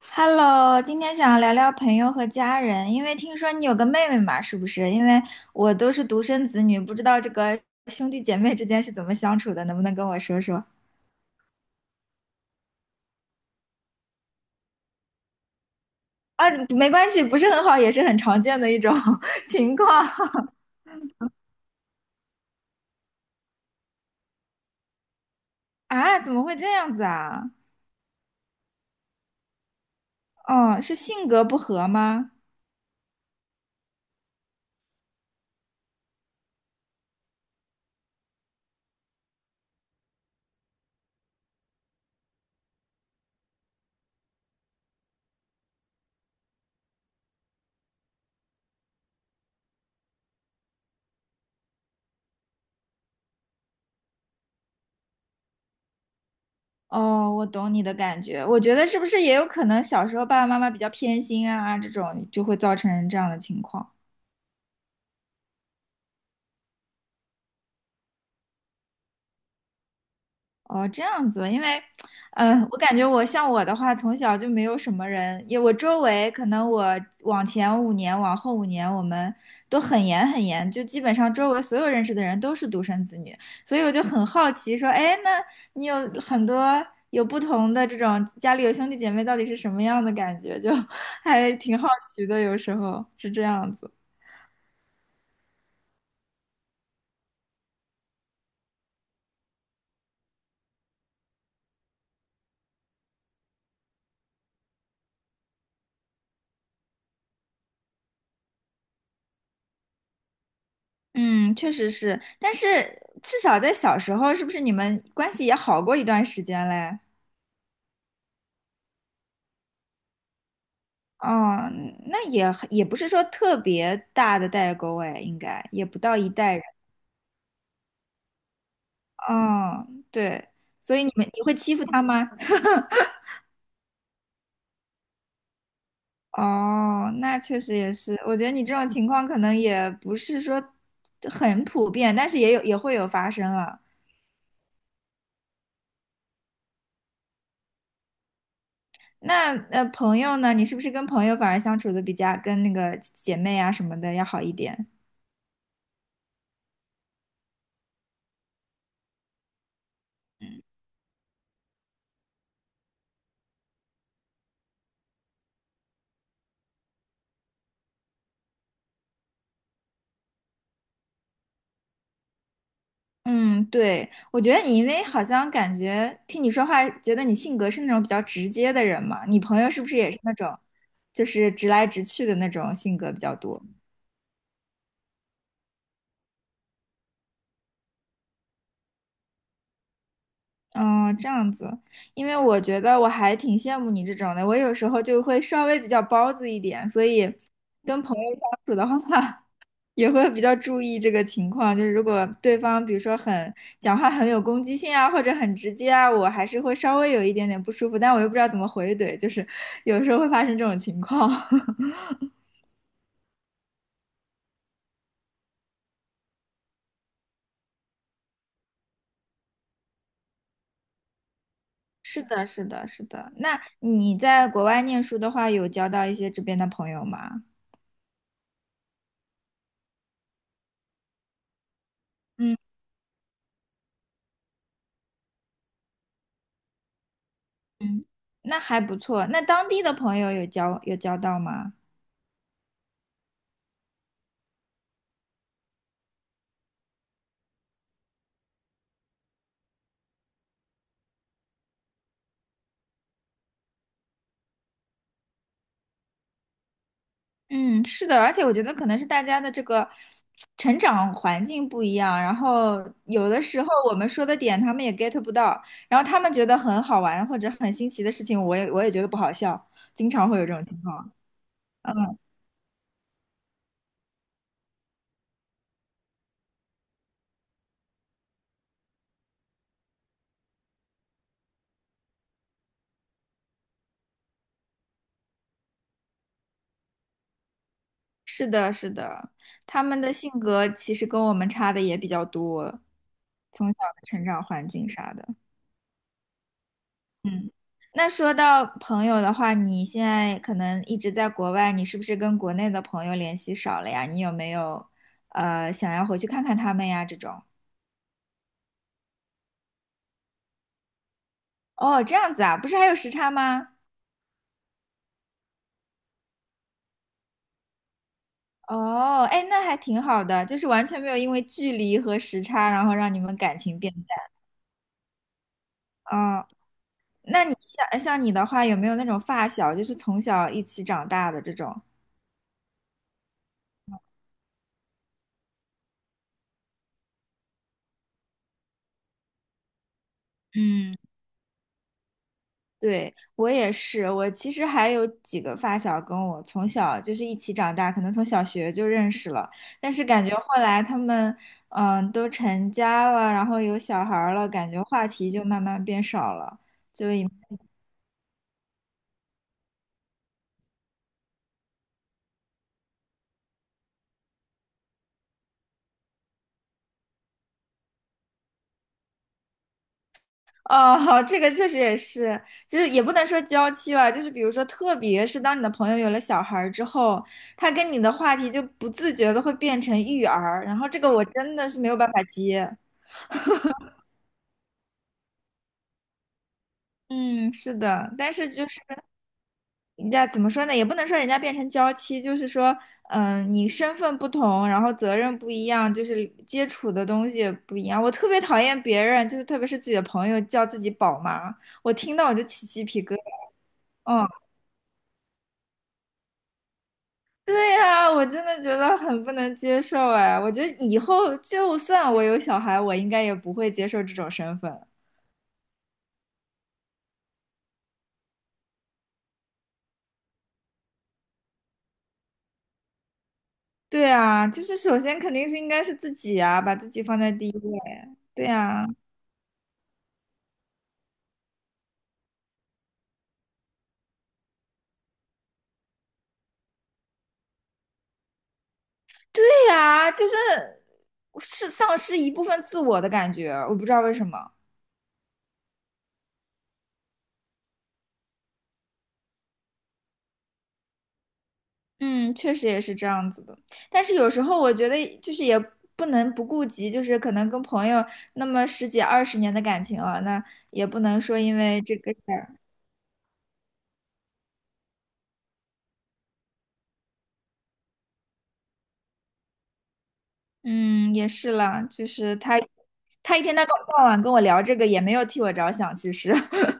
Hello，今天想要聊聊朋友和家人，因为听说你有个妹妹嘛，是不是？因为我都是独生子女，不知道这个兄弟姐妹之间是怎么相处的，能不能跟我说说？啊，没关系，不是很好，也是很常见的一种 情况啊，怎么会这样子啊？哦，是性格不合吗？哦，我懂你的感觉，我觉得是不是也有可能小时候爸爸妈妈比较偏心啊，这种就会造成这样的情况。哦，这样子，因为，嗯，我感觉我像我的话，从小就没有什么人，也我周围可能我往前五年，往后五年，我们都很严，就基本上周围所有认识的人都是独生子女，所以我就很好奇，说，哎，那你有很多有不同的这种家里有兄弟姐妹，到底是什么样的感觉？就 还挺好奇的，有时候是这样子。嗯，确实是，但是至少在小时候，是不是你们关系也好过一段时间嘞？哦，那也不是说特别大的代沟哎，应该也不到一代人。哦，对，所以你会欺负他吗？哦，那确实也是，我觉得你这种情况可能也不是说很普遍，但是也会有发生啊。那朋友呢？你是不是跟朋友反而相处的比较跟那个姐妹啊什么的要好一点？嗯，对，我觉得你因为好像感觉听你说话，觉得你性格是那种比较直接的人嘛，你朋友是不是也是那种，就是直来直去的那种性格比较多？嗯，这样子，因为我觉得我还挺羡慕你这种的，我有时候就会稍微比较包子一点，所以跟朋友相处的话，也会比较注意这个情况。就是如果对方比如说很讲话很有攻击性啊，或者很直接啊，我还是会稍微有一点点不舒服，但我又不知道怎么回怼，就是有时候会发生这种情况。是的，是的，是的。那你在国外念书的话，有交到一些这边的朋友吗？嗯。嗯，那还不错。那当地的朋友有交到吗？嗯，是的，而且我觉得可能是大家的这个成长环境不一样，然后有的时候我们说的点他们也 get 不到，然后他们觉得很好玩或者很新奇的事情，我也觉得不好笑，经常会有这种情况。嗯，是的，是的，他们的性格其实跟我们差的也比较多，从小的成长环境啥的。嗯，那说到朋友的话，你现在可能一直在国外，你是不是跟国内的朋友联系少了呀？你有没有想要回去看看他们呀？这种哦，这样子啊，不是还有时差吗？哦，哎，那还挺好的，就是完全没有因为距离和时差，然后让你们感情变淡。哦，那你像你的话，有没有那种发小，就是从小一起长大的这种？嗯。对，我也是，我其实还有几个发小跟我从小就是一起长大，可能从小学就认识了，但是感觉后来他们嗯都成家了，然后有小孩儿了，感觉话题就慢慢变少了，就也哦，这个确实也是，就是也不能说娇妻吧，就是比如说，特别是当你的朋友有了小孩儿之后，他跟你的话题就不自觉的会变成育儿，然后这个我真的是没有办法接。嗯，是的，但是就是人家怎么说呢？也不能说人家变成娇妻，就是说，嗯、你身份不同，然后责任不一样，就是接触的东西也不一样。我特别讨厌别人，就是特别是自己的朋友叫自己宝妈，我听到我就起鸡皮疙瘩。嗯，对呀、我真的觉得很不能接受哎。我觉得以后就算我有小孩，我应该也不会接受这种身份。对啊，就是首先肯定是应该是自己啊，把自己放在第一位。对呀、对呀，就是是丧失一部分自我的感觉，我不知道为什么。嗯，确实也是这样子的。但是有时候我觉得，就是也不能不顾及，就是可能跟朋友那么十几二十年的感情了，那也不能说因为这个事儿。嗯，也是啦，就是他一天到晚跟我聊这个，也没有替我着想，其实。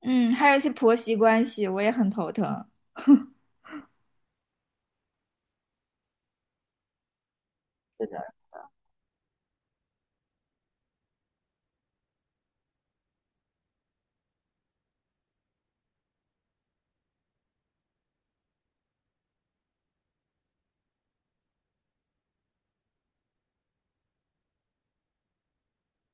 嗯，还有一些婆媳关系，我也很头疼。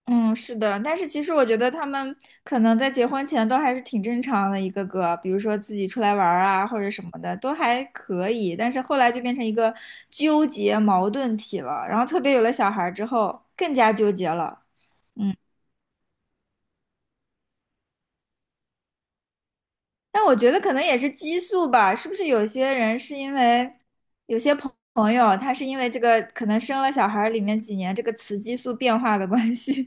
嗯，是的，但是其实我觉得他们可能在结婚前都还是挺正常的，一个个，比如说自己出来玩儿啊，或者什么的，都还可以。但是后来就变成一个纠结矛盾体了，然后特别有了小孩儿之后，更加纠结了。嗯，但我觉得可能也是激素吧，是不是有些人是因为有些朋友，他是因为这个可能生了小孩儿里面几年这个雌激素变化的关系，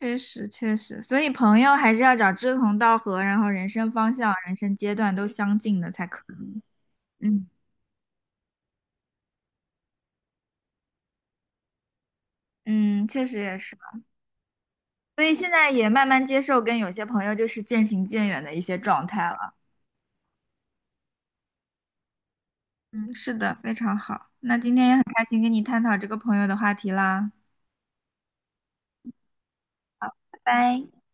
确实，所以朋友还是要找志同道合，然后人生方向、人生阶段都相近的才可以。嗯嗯，确实也是，所以现在也慢慢接受跟有些朋友就是渐行渐远的一些状态了。嗯，是的，非常好。那今天也很开心跟你探讨这个朋友的话题啦，拜拜。